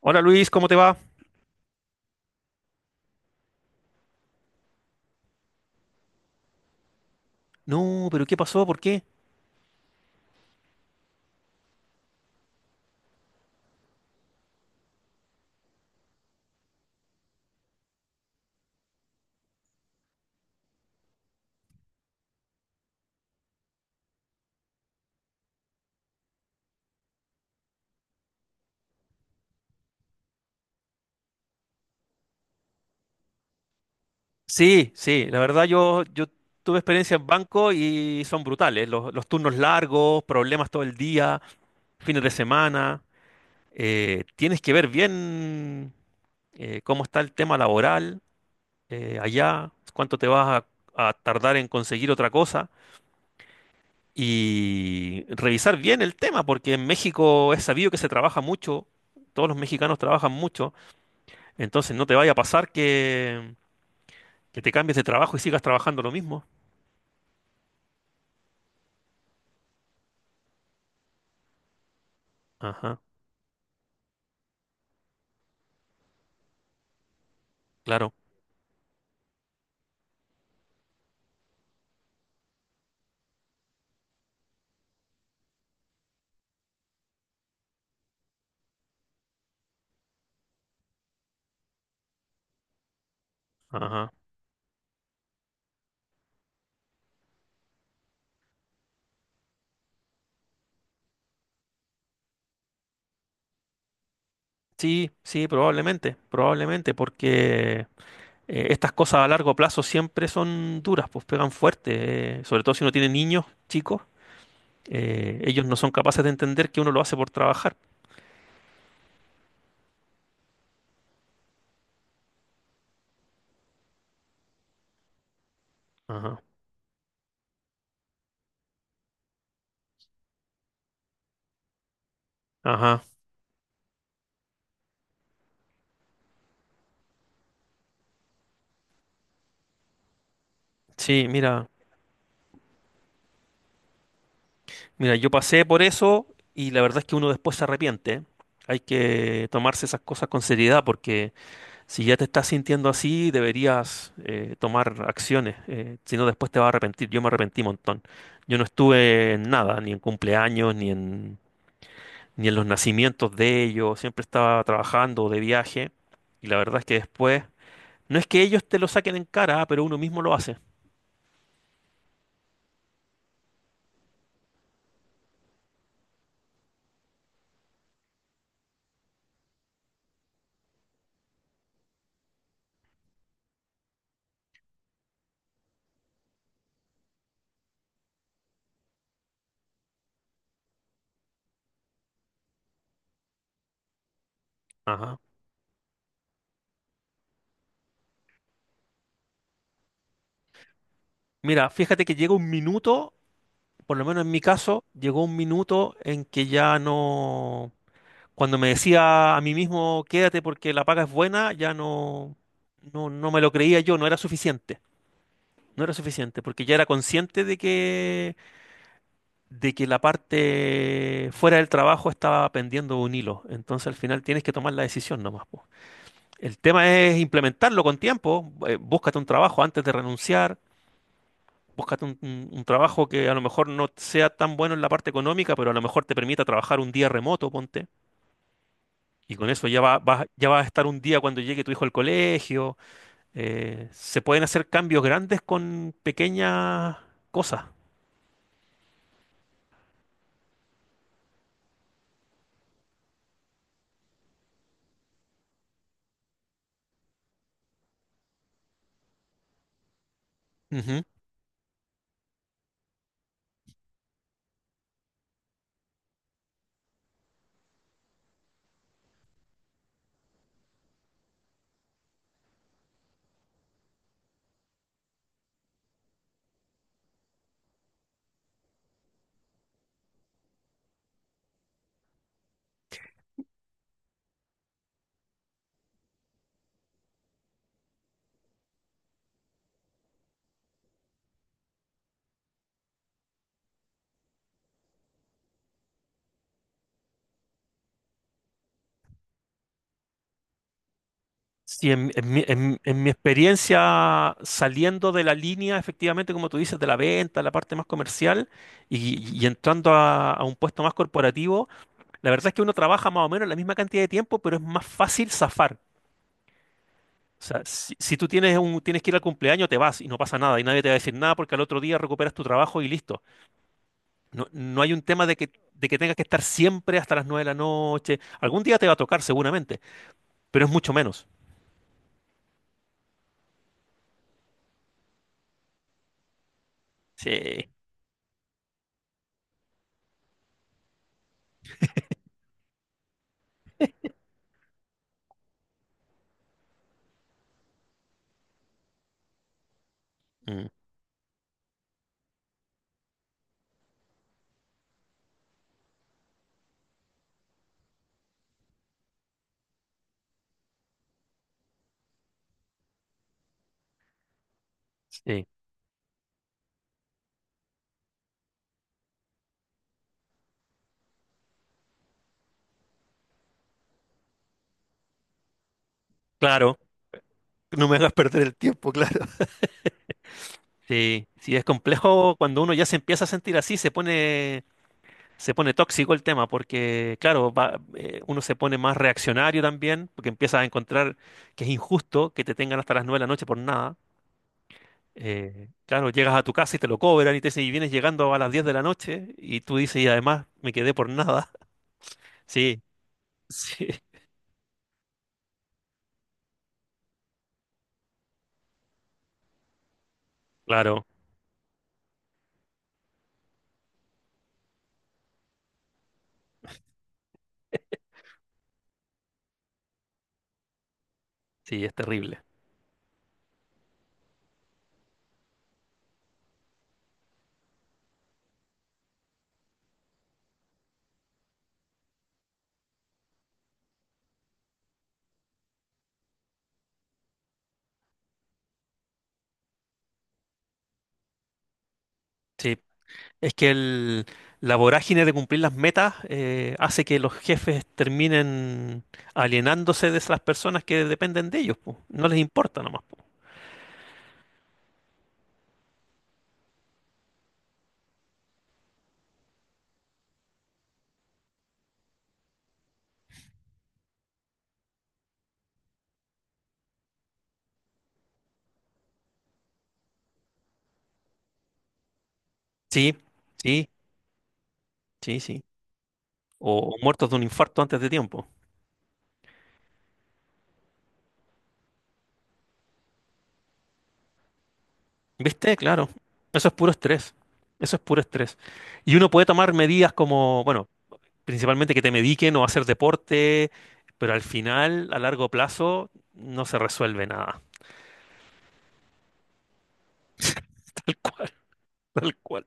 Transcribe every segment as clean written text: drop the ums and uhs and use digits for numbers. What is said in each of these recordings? Hola Luis, ¿cómo te va? No, pero ¿qué pasó? ¿Por qué? Sí, sí, la verdad yo tuve experiencia en banco y son brutales. Los turnos largos, problemas todo el día, fines de semana. Tienes que ver bien cómo está el tema laboral allá, cuánto te vas a tardar en conseguir otra cosa y revisar bien el tema, porque en México es sabido que se trabaja mucho, todos los mexicanos trabajan mucho, entonces no te vaya a pasar que... Que te cambies de trabajo y sigas trabajando lo mismo. Ajá, claro. Ajá. Sí, sí, probablemente, probablemente, porque estas cosas a largo plazo siempre son duras, pues pegan fuerte, sobre todo si uno tiene niños chicos, ellos no son capaces de entender que uno lo hace por trabajar. Ajá, ajá. Sí, mira, mira, yo pasé por eso y la verdad es que uno después se arrepiente, ¿eh? Hay que tomarse esas cosas con seriedad porque si ya te estás sintiendo así, deberías tomar acciones, si no después te vas a arrepentir. Yo me arrepentí un montón. Yo no estuve en nada, ni en cumpleaños, ni en, ni en los nacimientos de ellos. Siempre estaba trabajando o de viaje. Y la verdad es que después, no es que ellos te lo saquen en cara, ah, pero uno mismo lo hace. Ajá. Mira, fíjate que llega un minuto, por lo menos en mi caso, llegó un minuto en que ya no... Cuando me decía a mí mismo, quédate porque la paga es buena, ya no, no, no me lo creía yo, no era suficiente. No era suficiente, porque ya era consciente de que la parte fuera del trabajo estaba pendiendo un hilo. Entonces al final tienes que tomar la decisión nomás, po. El tema es implementarlo con tiempo. Búscate un trabajo antes de renunciar. Búscate un trabajo que a lo mejor no sea tan bueno en la parte económica, pero a lo mejor te permita trabajar un día remoto, ponte. Y con eso ya ya va a estar un día cuando llegue tu hijo al colegio. Se pueden hacer cambios grandes con pequeñas cosas. Ujú. Sí, en mi experiencia saliendo de la línea, efectivamente, como tú dices, de la venta, la parte más comercial, y, y entrando a un puesto más corporativo, la verdad es que uno trabaja más o menos la misma cantidad de tiempo, pero es más fácil zafar. O sea, si tú tienes un, tienes que ir al cumpleaños, te vas y no pasa nada, y nadie te va a decir nada porque al otro día recuperas tu trabajo y listo. No, no hay un tema de de que tengas que estar siempre hasta las 9 de la noche. Algún día te va a tocar seguramente, pero es mucho menos. Sí. Mm, sí, claro. No me hagas perder el tiempo, claro. Sí, sí, es complejo cuando uno ya se empieza a sentir así, se pone tóxico el tema, porque claro, va- uno se pone más reaccionario también, porque empieza a encontrar que es injusto que te tengan hasta las nueve de la noche por nada. Claro, llegas a tu casa y te lo cobran y te dicen, y vienes llegando a las 10 de la noche y tú dices, y además me quedé por nada. Sí, sí, claro, sí, es terrible. Sí, es que el, la vorágine de cumplir las metas hace que los jefes terminen alienándose de esas personas que dependen de ellos, po. No les importa nomás, po. Sí, sí, sí, sí. O muertos de un infarto antes de tiempo. ¿Viste? Claro. Eso es puro estrés. Eso es puro estrés. Y uno puede tomar medidas como, bueno, principalmente que te mediquen o hacer deporte, pero al final, a largo plazo, no se resuelve nada. Tal cual, tal cual.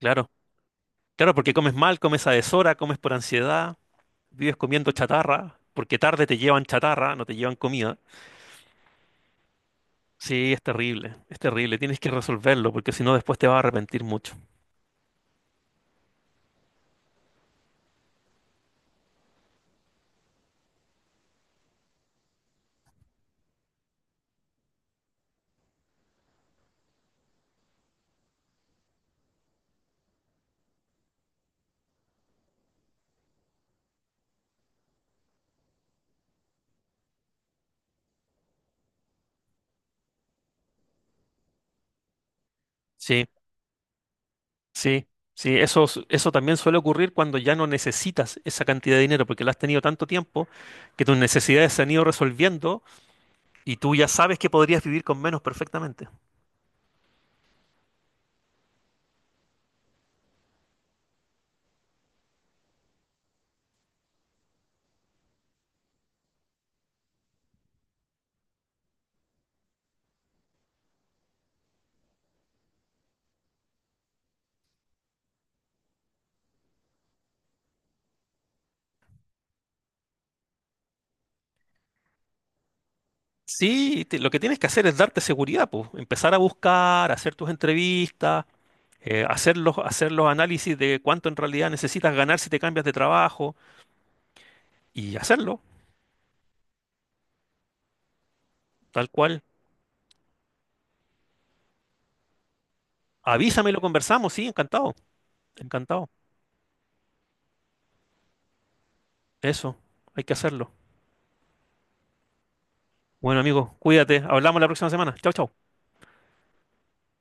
Claro, claro, porque comes mal, comes a deshora, comes por ansiedad, vives comiendo chatarra, porque tarde te llevan chatarra, no te llevan comida. Sí, es terrible, es terrible. Tienes que resolverlo, porque si no, después te vas a arrepentir mucho. Sí, sí. Sí, eso, s- eso también suele ocurrir cuando ya no necesitas esa cantidad de dinero, porque la has tenido tanto tiempo que tus necesidades se han ido resolviendo y tú ya sabes que podrías vivir con menos perfectamente. Sí, te- lo que tienes que hacer es darte seguridad, pues. Empezar a buscar, hacer tus entrevistas, hacer los análisis de cuánto en realidad necesitas ganar si te cambias de trabajo y hacerlo, tal cual. Avísame y lo conversamos, sí, encantado, encantado. Eso, hay que hacerlo. Bueno, amigo, cuídate. Hablamos la próxima semana. Chao, chao.